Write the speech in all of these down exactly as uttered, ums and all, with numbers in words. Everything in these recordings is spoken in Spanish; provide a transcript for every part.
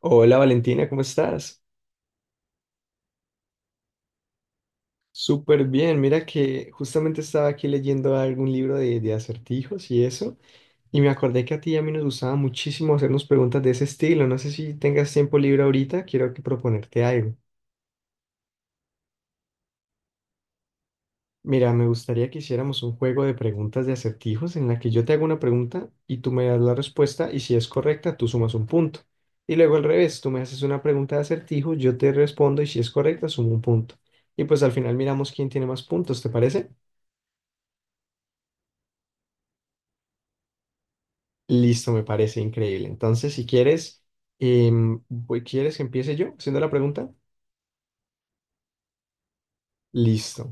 Hola Valentina, ¿cómo estás? Súper bien, mira que justamente estaba aquí leyendo algún libro de, de acertijos y eso, y me acordé que a ti y a mí nos gustaba muchísimo hacernos preguntas de ese estilo, no sé si tengas tiempo libre ahorita, quiero que proponerte algo. Mira, me gustaría que hiciéramos un juego de preguntas de acertijos en la que yo te hago una pregunta y tú me das la respuesta y si es correcta, tú sumas un punto. Y luego al revés, tú me haces una pregunta de acertijo, yo te respondo y si es correcta, sumo un punto. Y pues al final miramos quién tiene más puntos, ¿te parece? Listo, me parece increíble. Entonces, si quieres, em, voy- ¿quieres que empiece yo haciendo la pregunta? Listo.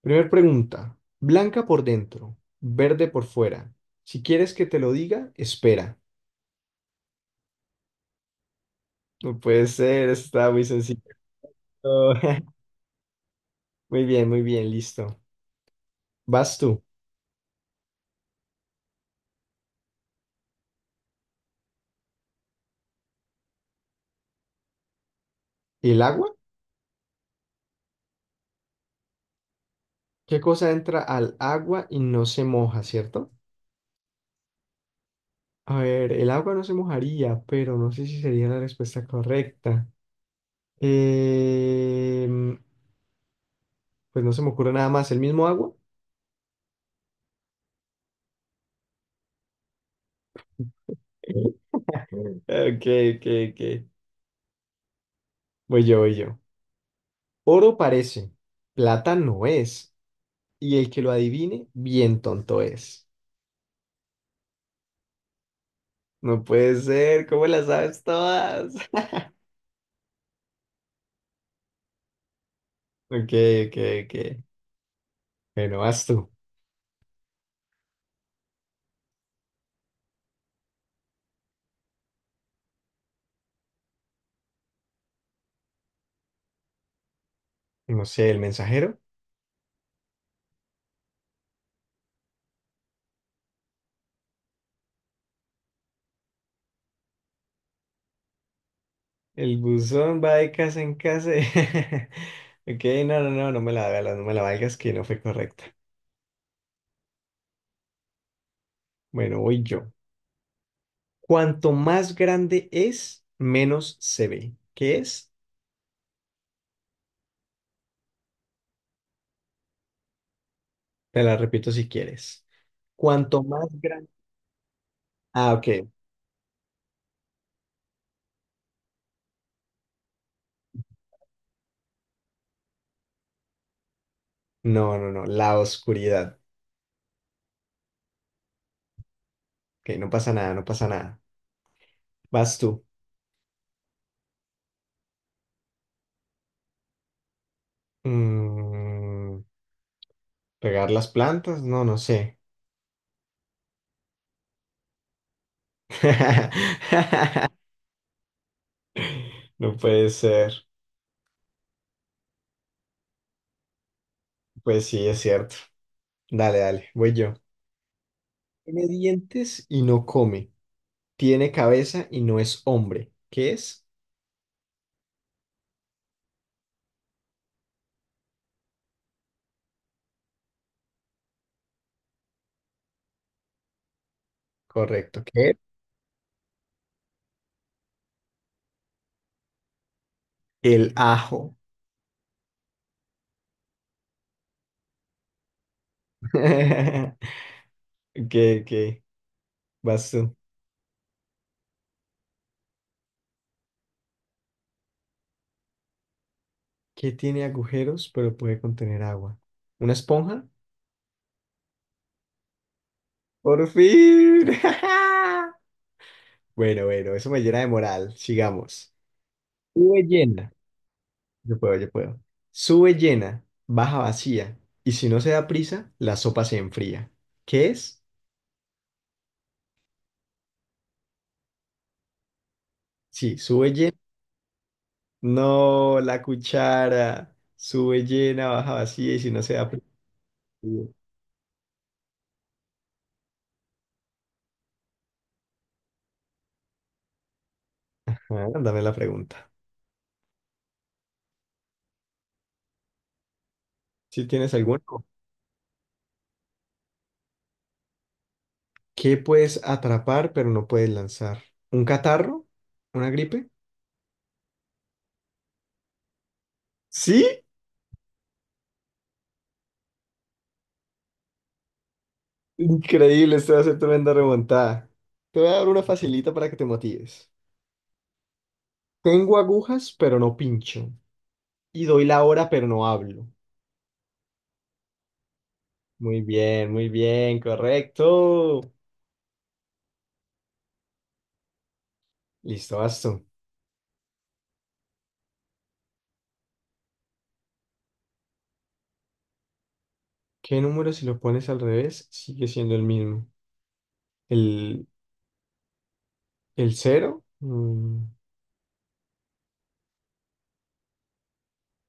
Primer pregunta. Blanca por dentro, verde por fuera. Si quieres que te lo diga, espera. No puede ser, está muy sencillo. Muy bien, muy bien, listo. Vas tú. ¿El agua? ¿Qué cosa entra al agua y no se moja, cierto? A ver, el agua no se mojaría, pero no sé si sería la respuesta correcta. Eh, Pues no se me ocurre nada más, el mismo agua. Ok, ok, ok. Voy yo, voy yo. Oro parece, plata no es, y el que lo adivine, bien tonto es. No puede ser, ¿cómo las sabes todas? Ok, ok, ok. Bueno, vas tú. No sé, el mensajero. El buzón va de casa en casa. Ok, no, no, no, no me la valgas, no me la valgas, que no fue correcta. Bueno, voy yo. Cuanto más grande es, menos se ve. ¿Qué es? Te la repito si quieres. Cuanto más grande. Ah, ok. No, no, no. La oscuridad. Ok, no pasa nada, no pasa nada. Vas tú. Mm, ¿regar las plantas? No, no sé. No puede ser. Pues sí, es cierto. Dale, dale, voy yo. Tiene dientes y no come. Tiene cabeza y no es hombre. ¿Qué es? Correcto. ¿Qué? El ajo. Ok, ok. Vas tú. ¿Qué tiene agujeros pero puede contener agua? ¿Una esponja? ¡Por fin! Bueno, bueno, eso me llena de moral. Sigamos. Sube llena. Yo puedo, yo puedo. Sube llena, baja vacía. Y si no se da prisa, la sopa se enfría. ¿Qué es? Sí, sube llena. No, la cuchara. Sube llena, baja vacía y si no se da prisa. Ah, dame la pregunta. ¿Si tienes alguna? ¿Qué puedes atrapar pero no puedes lanzar? ¿Un catarro? ¿Una gripe? ¿Sí? Increíble, esto va a ser tremenda remontada. Te voy a dar una facilita para que te motives. Tengo agujas pero no pincho. Y doy la hora pero no hablo. Muy bien, muy bien, correcto. Listo, basta. ¿Qué número si lo pones al revés sigue siendo el mismo? ¿El, el cero? Mm,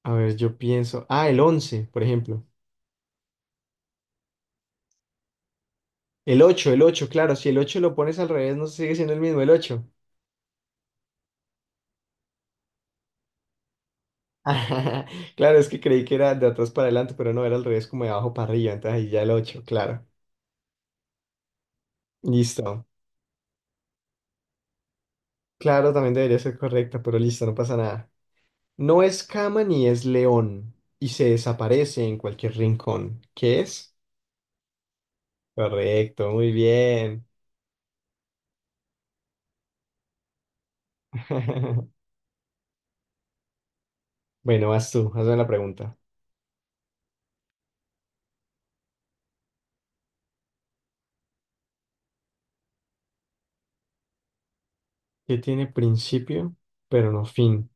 a ver, yo pienso. Ah, el once, por ejemplo. El ocho, el ocho, claro, si el ocho lo pones al revés, no sigue siendo el mismo el ocho. Claro, es que creí que era de atrás para adelante, pero no, era al revés, como de abajo para arriba, entonces ahí ya el ocho, claro. Listo. Claro, también debería ser correcta, pero listo, no pasa nada. No es cama ni es león, y se desaparece en cualquier rincón. ¿Qué es? Correcto, muy bien. Bueno, vas tú, hazme la pregunta. ¿Qué tiene principio, pero no fin?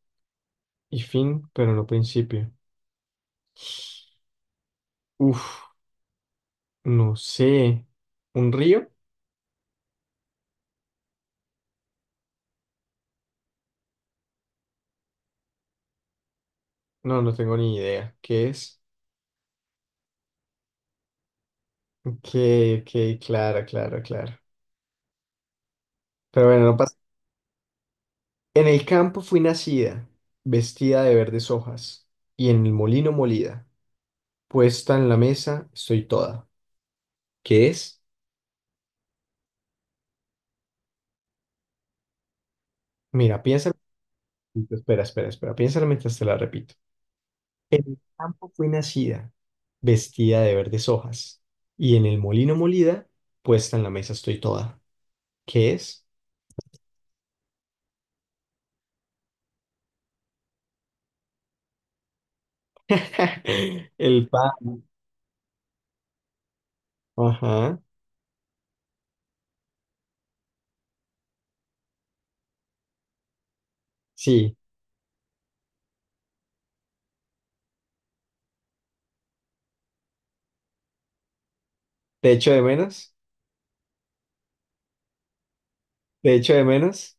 Y fin, pero no principio. Uf. No sé. ¿Un río? No, no tengo ni idea. ¿Qué es? Ok, ok, claro, claro, claro. Pero bueno, no pasa. En el campo fui nacida, vestida de verdes hojas, y en el molino molida, puesta en la mesa estoy toda. ¿Qué es? Mira, piénsalo. Espera, espera, espera. Piénsalo mientras te la repito. En el campo fui nacida, vestida de verdes hojas, y en el molino molida, puesta en la mesa estoy toda. ¿Qué es? El pan. Ajá, sí, te echo de menos, te echo de menos,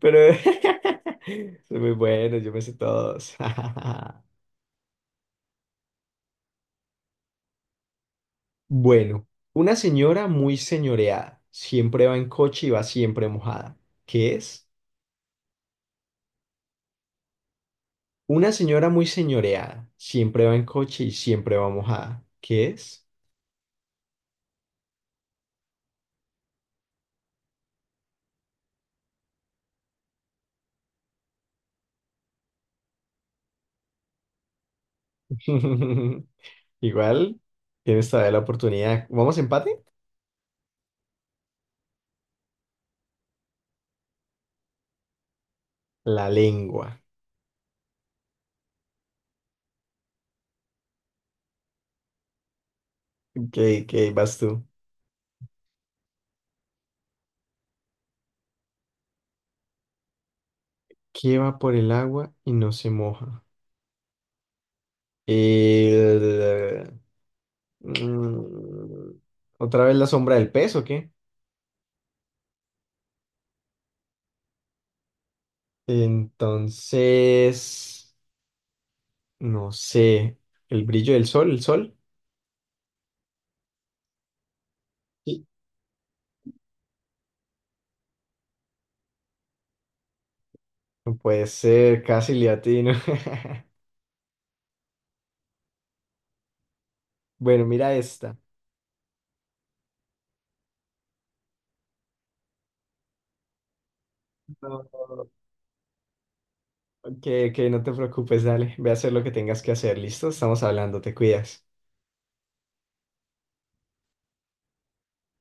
pero son muy buenos, yo me sé todos. Bueno, una señora muy señoreada, siempre va en coche y va siempre mojada. ¿Qué es? Una señora muy señoreada, siempre va en coche y siempre va mojada. ¿Qué es? Igual, tienes todavía la oportunidad. ¿Vamos a empate? La lengua. ¿Qué, qué vas tú? ¿Qué va por el agua y no se moja? Y el- mm, otra vez la sombra del pez, ¿o qué? Entonces, no sé, el brillo del sol, el sol. Sí. No puede ser, casi le atino. Bueno, mira esta. No, que, que no te preocupes, dale, ve a hacer lo que tengas que hacer, ¿listo? Estamos hablando, te cuidas.